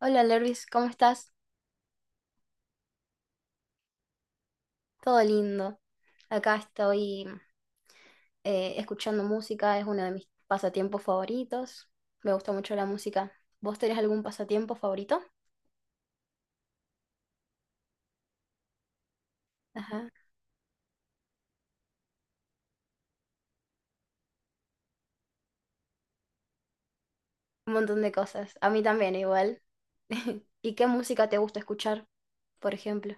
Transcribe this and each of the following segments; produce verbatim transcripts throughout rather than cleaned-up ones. Hola Lervis, ¿cómo estás? Todo lindo. Acá estoy eh, escuchando música, es uno de mis pasatiempos favoritos. Me gusta mucho la música. ¿Vos tenés algún pasatiempo favorito? Ajá. Un montón de cosas. A mí también igual. ¿Y qué música te gusta escuchar, por ejemplo?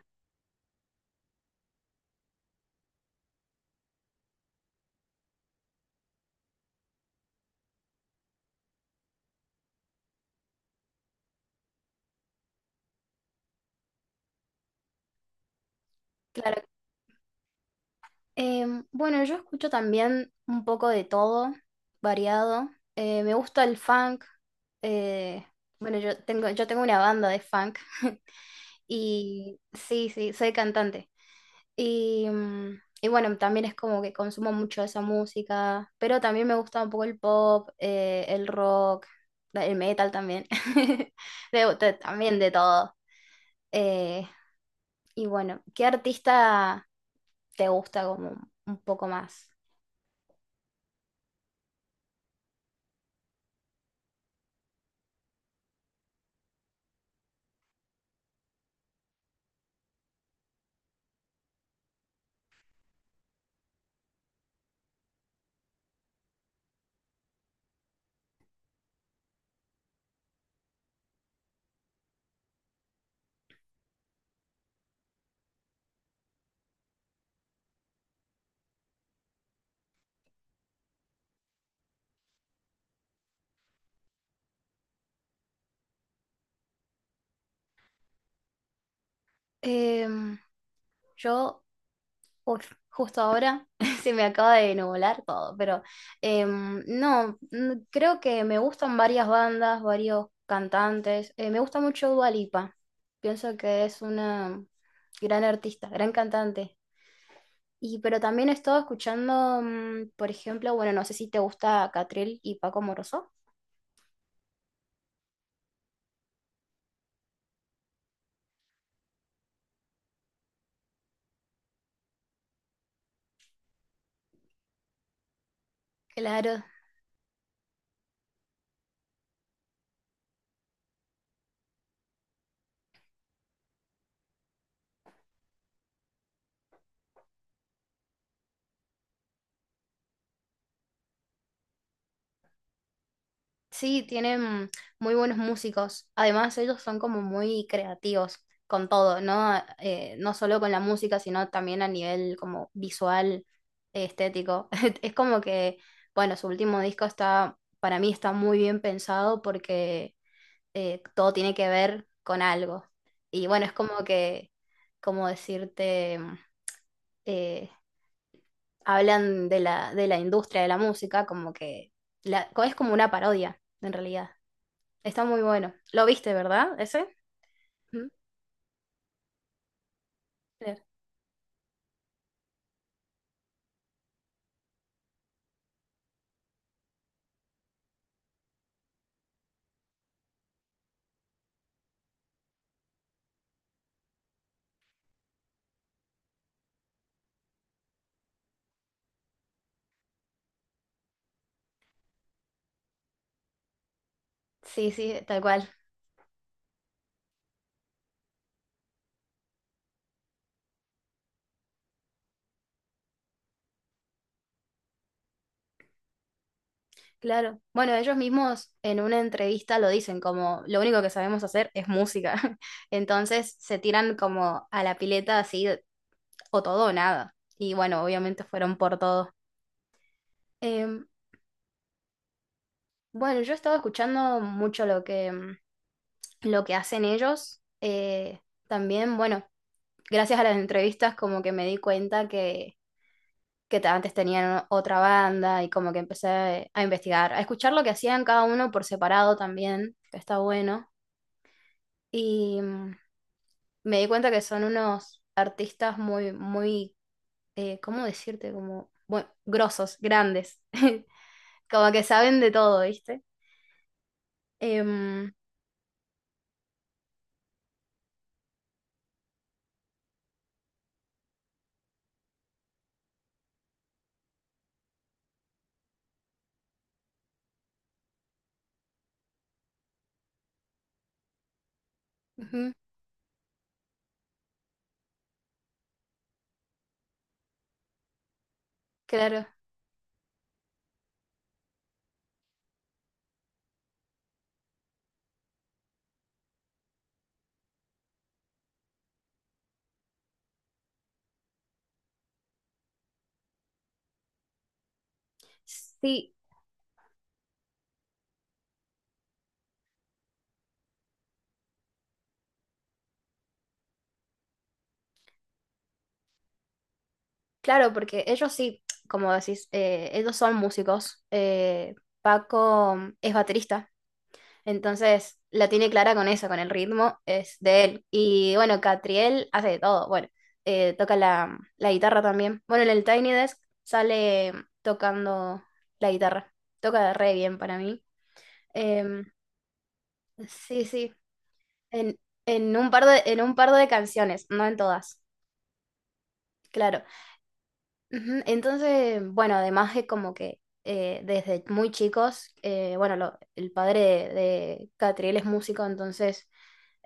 Claro. Em, bueno, yo escucho también un poco de todo, variado. Eh, me gusta el funk. eh, bueno, yo tengo, yo tengo una banda de funk. Y sí, sí, soy cantante. Y, mm, y bueno, también es como que consumo mucho esa música, pero también me gusta un poco el pop, eh, el rock, la- el metal también, de- de- también de todo. Eh, y bueno, ¿qué artista te gusta como un poco más? Em, yo uf, justo ahora se me acaba de nublar todo, pero em, no, n- creo que me gustan varias bandas, varios cantantes. Eh, me gusta mucho Dua Lipa. Pienso que es una gran artista, gran cantante. Y pero también he estado escuchando, mm, por ejemplo, bueno, no sé si te gusta Catril y Paco Moroso. Claro. Sí, tienen muy buenos músicos. Además, ellos son como muy creativos con todo, ¿no? Eh, no solo con la música, sino también a nivel como visual, estético. Es como que, bueno, su último disco está, para mí está muy bien pensado porque eh, todo tiene que ver con algo. Y bueno, es como que, como decirte, eh, hablan de la, de la industria de la música, como que la, es como una parodia, en realidad. Está muy bueno. ¿Lo viste, verdad? ¿Ese? Ujú. Claro. Sí, sí, tal cual. Claro. Bueno, ellos mismos en una entrevista lo dicen como lo único que sabemos hacer es música. Entonces se tiran como a la pileta así, o todo o nada. Y bueno, obviamente fueron por todo. Em, bueno, yo he estado escuchando mucho lo que, mm, lo que hacen ellos. Eh, también, bueno, gracias a las entrevistas como que me di cuenta que que te- antes tenían otra banda y como que empecé a investigar, a escuchar lo que hacían cada uno por separado también, que está bueno. Y mm, me di cuenta que son unos artistas muy, muy, eh, ¿cómo decirte? Como, bueno, grosos, grandes, como que saben de todo, ¿viste? Em, ujú, claro. Sí, claro, porque ellos sí, como decís, eh, ellos son músicos. eh, Paco es baterista. Entonces la tiene clara con eso, con el ritmo, es de él. Y bueno, Catriel hace de todo, bueno, eh, toca la, la guitarra también. Bueno, en el Tiny Desk sale tocando la guitarra, toca re bien para mí. Em, sí, sí, en, en un par de, en un par de canciones, no en todas, claro. Ujú, entonces, bueno, además es como que eh, desde muy chicos, eh, bueno, lo- el padre de, de Catriel es músico, entonces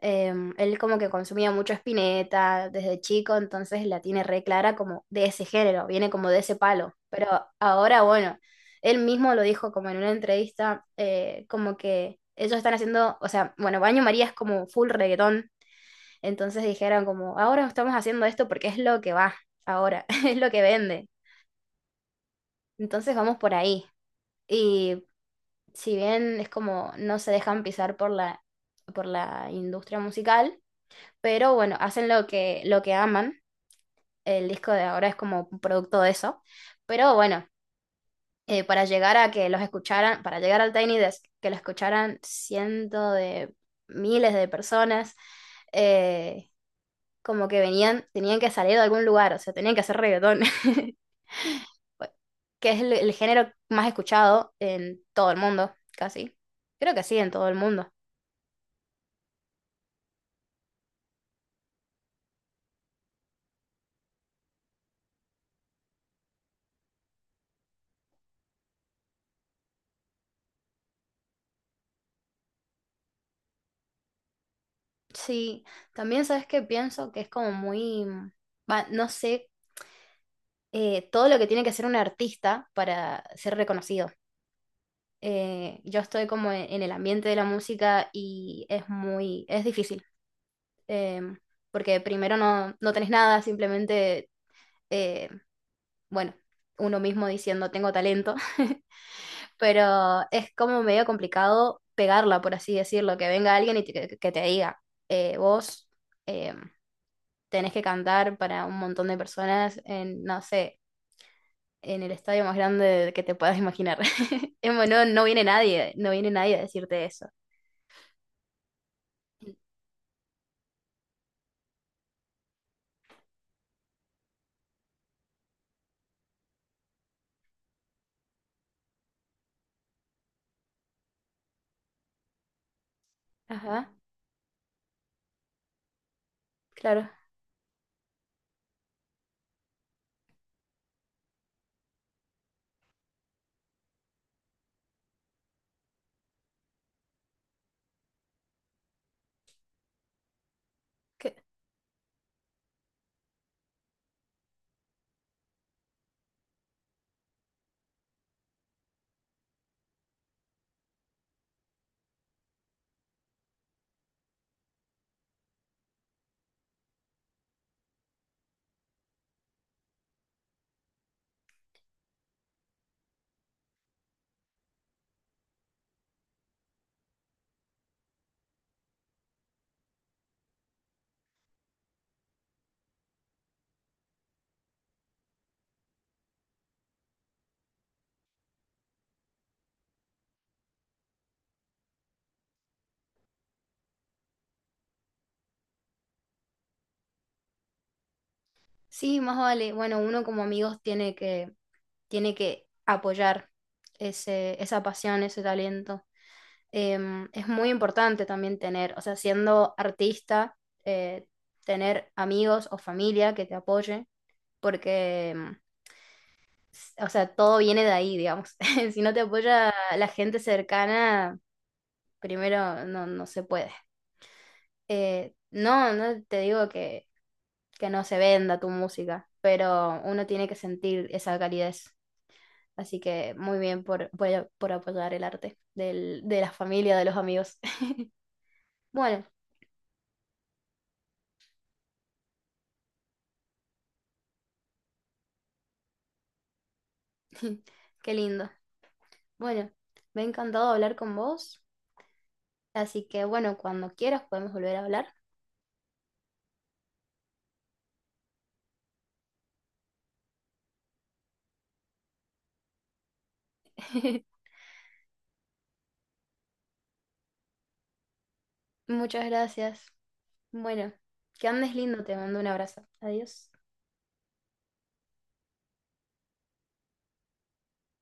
Em, él como que consumía mucho Spinetta desde chico, entonces la tiene re clara como de ese género, viene como de ese palo. Pero ahora, bueno, él mismo lo dijo como en una entrevista, eh, como que ellos están haciendo, o sea, bueno, Baño María es como full reggaetón, entonces dijeron como, ahora estamos haciendo esto porque es lo que va, ahora, es lo que vende, entonces vamos por ahí. Y si bien es como no se dejan pisar por la, por la industria musical, pero bueno, hacen lo que, lo que aman. El disco de ahora es como un producto de eso. Pero bueno, eh, para llegar a que los escucharan, para llegar al Tiny Desk, que lo escucharan cientos de miles de personas, eh, como que venían, tenían que salir de algún lugar, o sea, tenían que hacer reggaetón, que es el, el género más escuchado en todo el mundo, casi. Creo que sí, en todo el mundo. Sí, también sabes que pienso que es como muy, va, no sé eh, todo lo que tiene que hacer un artista para ser reconocido. Eh, yo estoy como en, en el ambiente de la música y es muy, es difícil, em, porque primero no, no tenés nada, simplemente, eh, bueno, uno mismo diciendo tengo talento, pero es como medio complicado pegarla, por así decirlo, que venga alguien y te- que, te diga, eh, vos em, tenés que cantar para un montón de personas en, no sé en el estadio más grande que te puedas imaginar. Es bueno, no viene nadie, no viene nadie a decirte eso. Ajá, claro. que- Sí, más vale. Bueno, uno como amigos tiene que, tiene que apoyar ese, esa pasión, ese talento. Em, es muy importante también tener, o sea, siendo artista, eh, tener amigos o familia que te apoye, porque, em, s- o sea, todo viene de ahí, digamos. Si no te apoya la gente cercana, primero no, no se puede. Eh, no, no te digo que, que no se venda tu música, pero uno tiene que sentir esa calidez. Así que muy bien por, por, por apoyar el arte del- de la familia, de los amigos. Bueno, qué lindo. Bueno, me ha encantado hablar con vos. Así que bueno, cuando quieras podemos volver a hablar. Muchas gracias. Bueno, que andes lindo, te mando un abrazo. Adiós.